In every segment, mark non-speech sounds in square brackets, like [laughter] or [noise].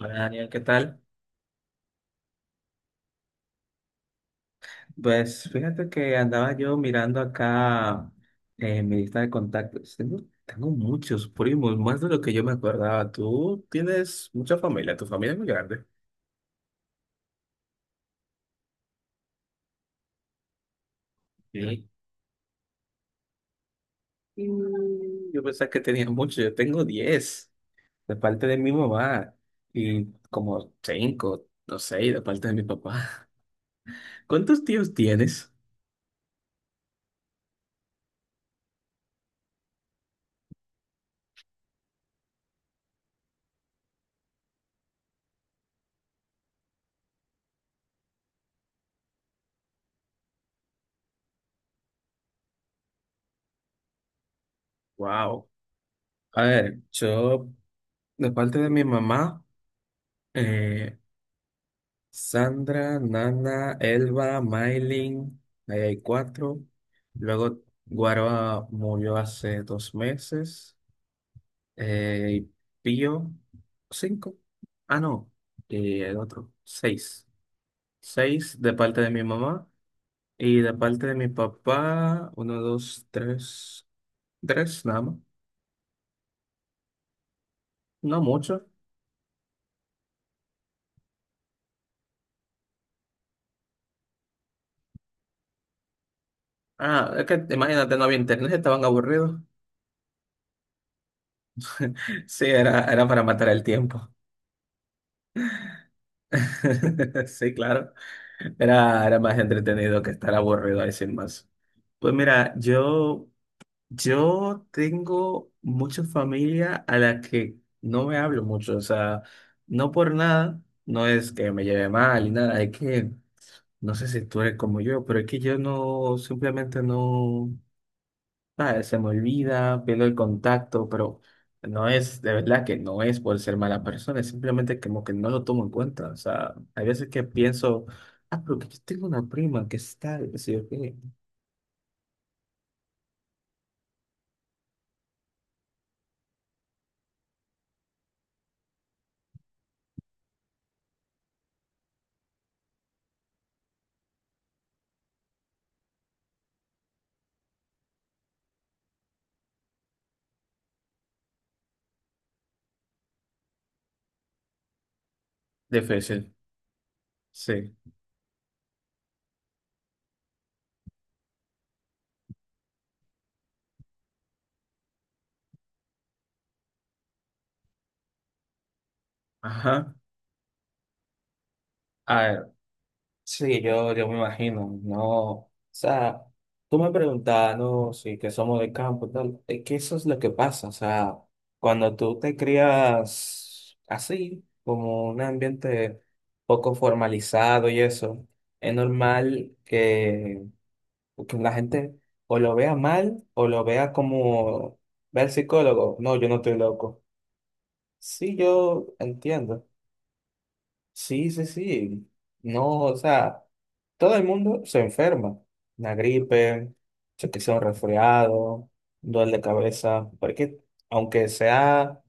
Hola Daniel, ¿qué tal? Pues fíjate que andaba yo mirando acá en mi lista de contactos. Tengo muchos primos, más de lo que yo me acordaba. Tú tienes mucha familia, tu familia es muy grande. Sí. Yo pensaba que tenía mucho, yo tengo 10 de parte de mi mamá y como 5, no seis, de parte de mi papá. [laughs] ¿Cuántos tíos tienes? Wow. A ver, yo de parte de mi mamá. eh, Sandra, Nana, Elba, Maylin, ahí hay cuatro. Luego Guaroa murió hace 2 meses. Eh, Pío, cinco. Ah, no. Y el otro, seis. Seis de parte de mi mamá y de parte de mi papá, uno, dos, tres. Tres, nada más. No mucho. Ah, es que imagínate, no había internet, estaban aburridos. [laughs] Sí, era para matar el tiempo. [laughs] Sí, claro. Era más entretenido que estar aburrido ahí sin más. Pues mira, yo tengo mucha familia a la que no me hablo mucho. O sea, no por nada, no es que me lleve mal ni nada. Es que, no sé si tú eres como yo, pero es que yo no, simplemente no. Ah, se me olvida, pierdo el contacto, pero no es, de verdad que no es por ser mala persona, es simplemente como que no lo tomo en cuenta. O sea, hay veces que pienso, ah, pero que yo tengo una prima que está, qué sé yo qué. Difícil, sí. Ajá. Ah, sí, yo me imagino, no, o sea, tú me preguntabas, no, sí, que somos de campo y tal, es que eso es lo que pasa, o sea, cuando tú te crías así, como un ambiente poco formalizado y eso, es normal que, la gente o lo vea mal o lo vea como, ve al psicólogo, no, yo no estoy loco. Sí, yo entiendo. Sí, sí, sí. No, o sea, todo el mundo se enferma. Una gripe, se que sea un resfriado, un dolor de cabeza. Porque aunque sea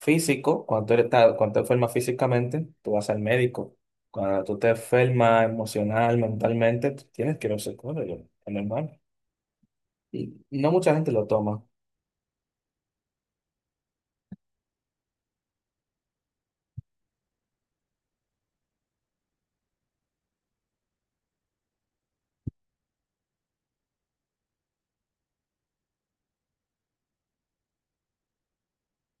físico, cuando te enfermas físicamente, tú vas al médico. Cuando tú te enfermas emocional, mentalmente, tú tienes que ir a un psicólogo, es normal. Y no mucha gente lo toma.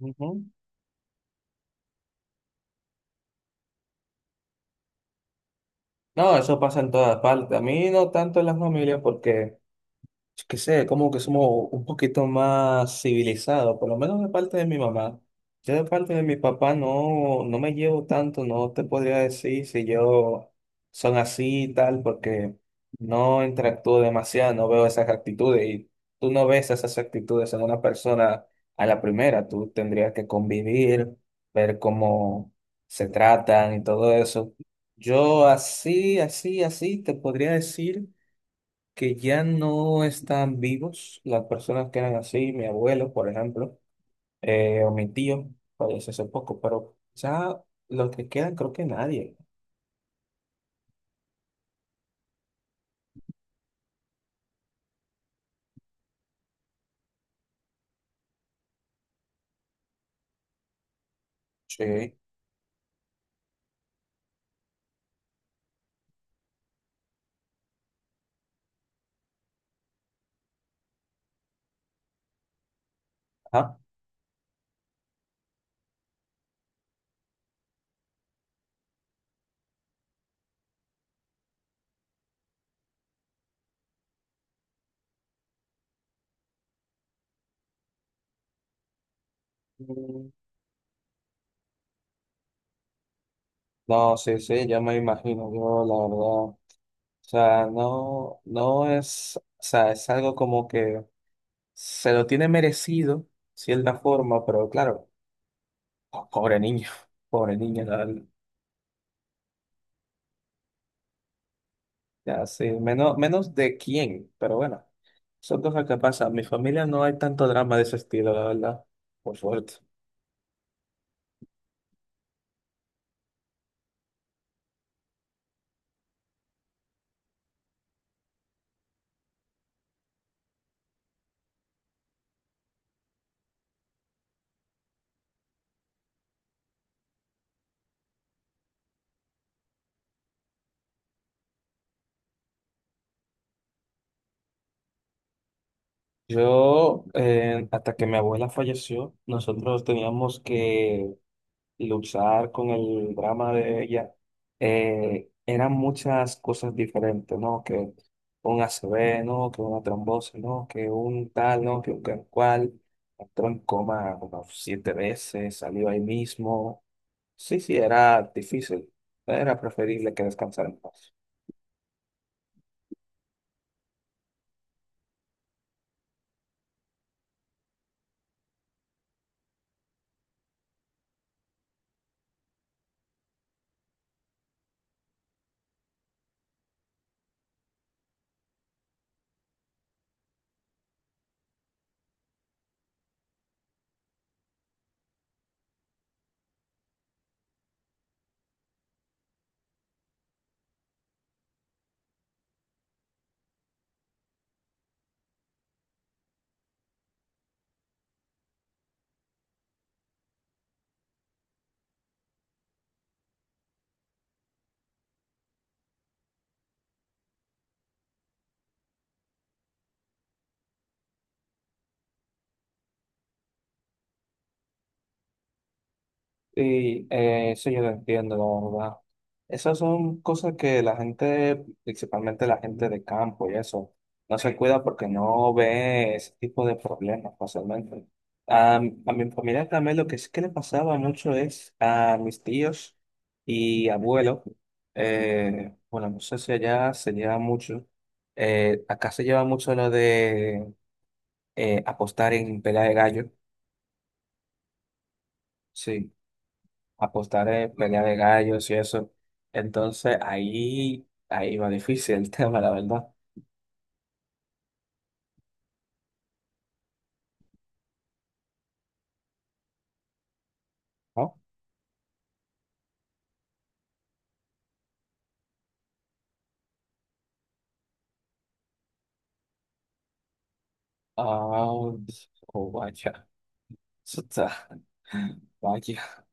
Ujú. No, eso pasa en todas partes. A mí no tanto en la familia porque... yo qué sé, como que somos un poquito más civilizados, por lo menos de parte de mi mamá. Yo de parte de mi papá no me llevo tanto, no te podría decir si yo son así y tal, porque no interactúo demasiado, no veo esas actitudes y tú no ves esas actitudes en una persona a la primera, tú tendrías que convivir, ver cómo se tratan y todo eso. Yo así, así, así te podría decir que ya no están vivos las personas que eran así, mi abuelo, por ejemplo, o mi tío, falleció hace poco, pero ya los que quedan creo que nadie. Sí. Ajá. Mm, no, sí, sí, ya me imagino, yo la verdad, o sea, no es, o sea, es algo como que se lo tiene merecido, cierta forma, pero claro, pobre niño, [laughs] pobre niño. Ya, sí, menos, menos de quién, pero bueno, son cosas que pasan. En mi familia no hay tanto drama de ese estilo, la verdad, por suerte. Yo, hasta que mi abuela falleció, nosotros teníamos que luchar con el drama de ella. Eran muchas cosas diferentes, ¿no? Que un ACV, ¿no? Que una trombosis, ¿no? Que un tal, ¿no? Que un tal cual. Entró en coma como siete veces, salió ahí mismo. Sí, sí, era difícil. Era preferible que descansara en paz. Y eso yo lo entiendo, la verdad. Esas son cosas que la gente, principalmente la gente de campo y eso, no se cuida porque no ve ese tipo de problemas fácilmente. A mi familia también lo que sí que le pasaba mucho es a mis tíos y abuelo. Bueno, no sé si allá se lleva mucho. Acá se lleva mucho lo de apostar en pelea de gallo. Sí. Apostar en pelea de gallos y eso. Entonces ahí va difícil el [laughs] tema, la verdad. ¿No? Ah, oh, vaya. Eso está, vaya.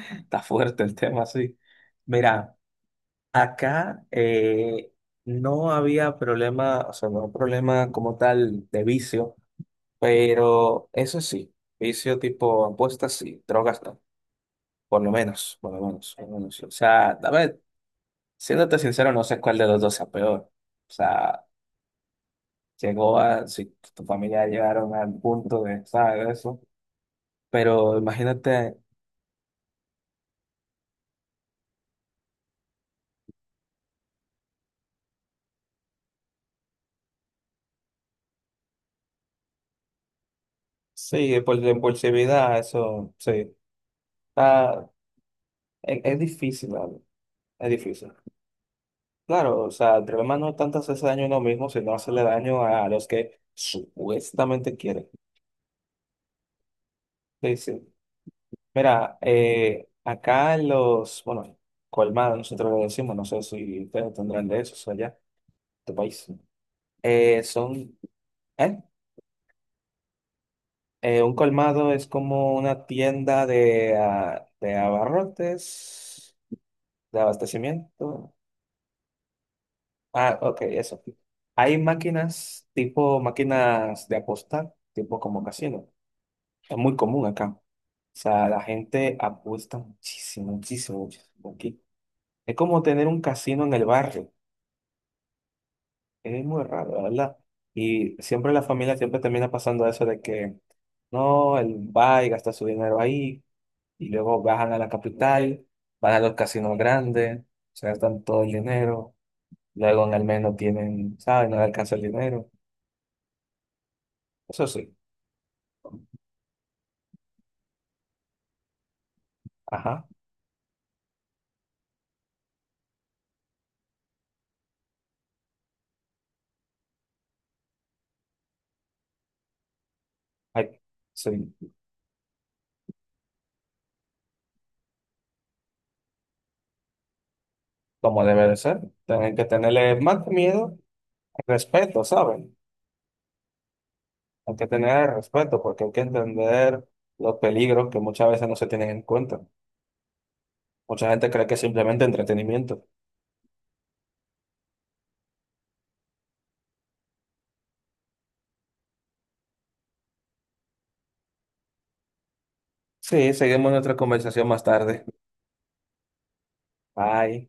[laughs] Está fuerte el tema, sí. Mira, acá, no había problema, o sea, no había problema como tal de vicio, pero eso sí, vicio tipo apuestas sí, drogas no, por lo menos, por lo menos, por lo menos. O sea, a ver, siéndote sincero, no sé cuál de los dos sea peor. O sea, llegó a, si tu familia llegaron al punto de, ¿sabes? Eso. Pero imagínate, sí, por la impulsividad, eso, sí. Está- es difícil, ¿vale? Es difícil. Claro, o sea, el problema no es tanto hacerse daño a uno mismo, sino hacerle daño a los que supuestamente quieren. Sí, sí. Mira, acá en los, bueno, colmados, nosotros lo decimos, no sé si ustedes tendrán de eso allá, tu país. Son, ¿eh? Un colmado es como una tienda de abarrotes, de abastecimiento. Ah, ok, eso. Hay máquinas, tipo máquinas de apostar, tipo como casino. Es muy común acá. O sea, la gente apuesta muchísimo, muchísimo, muchísimo aquí. Es como tener un casino en el barrio. Es muy raro, la verdad. Y siempre la familia siempre termina pasando eso de que no, él va y gasta su dinero ahí y luego bajan a la capital, van a los casinos grandes, se gastan todo el dinero, luego en el mes no tienen, ¿sabes? No les alcanza el dinero. Eso sí, ajá, hay, sí, como debe de ser. Tienen que tenerle más que miedo, respeto, ¿saben? Hay que tener respeto porque hay que entender los peligros que muchas veces no se tienen en cuenta. Mucha gente cree que es simplemente entretenimiento. Sí, seguimos nuestra conversación más tarde. Bye.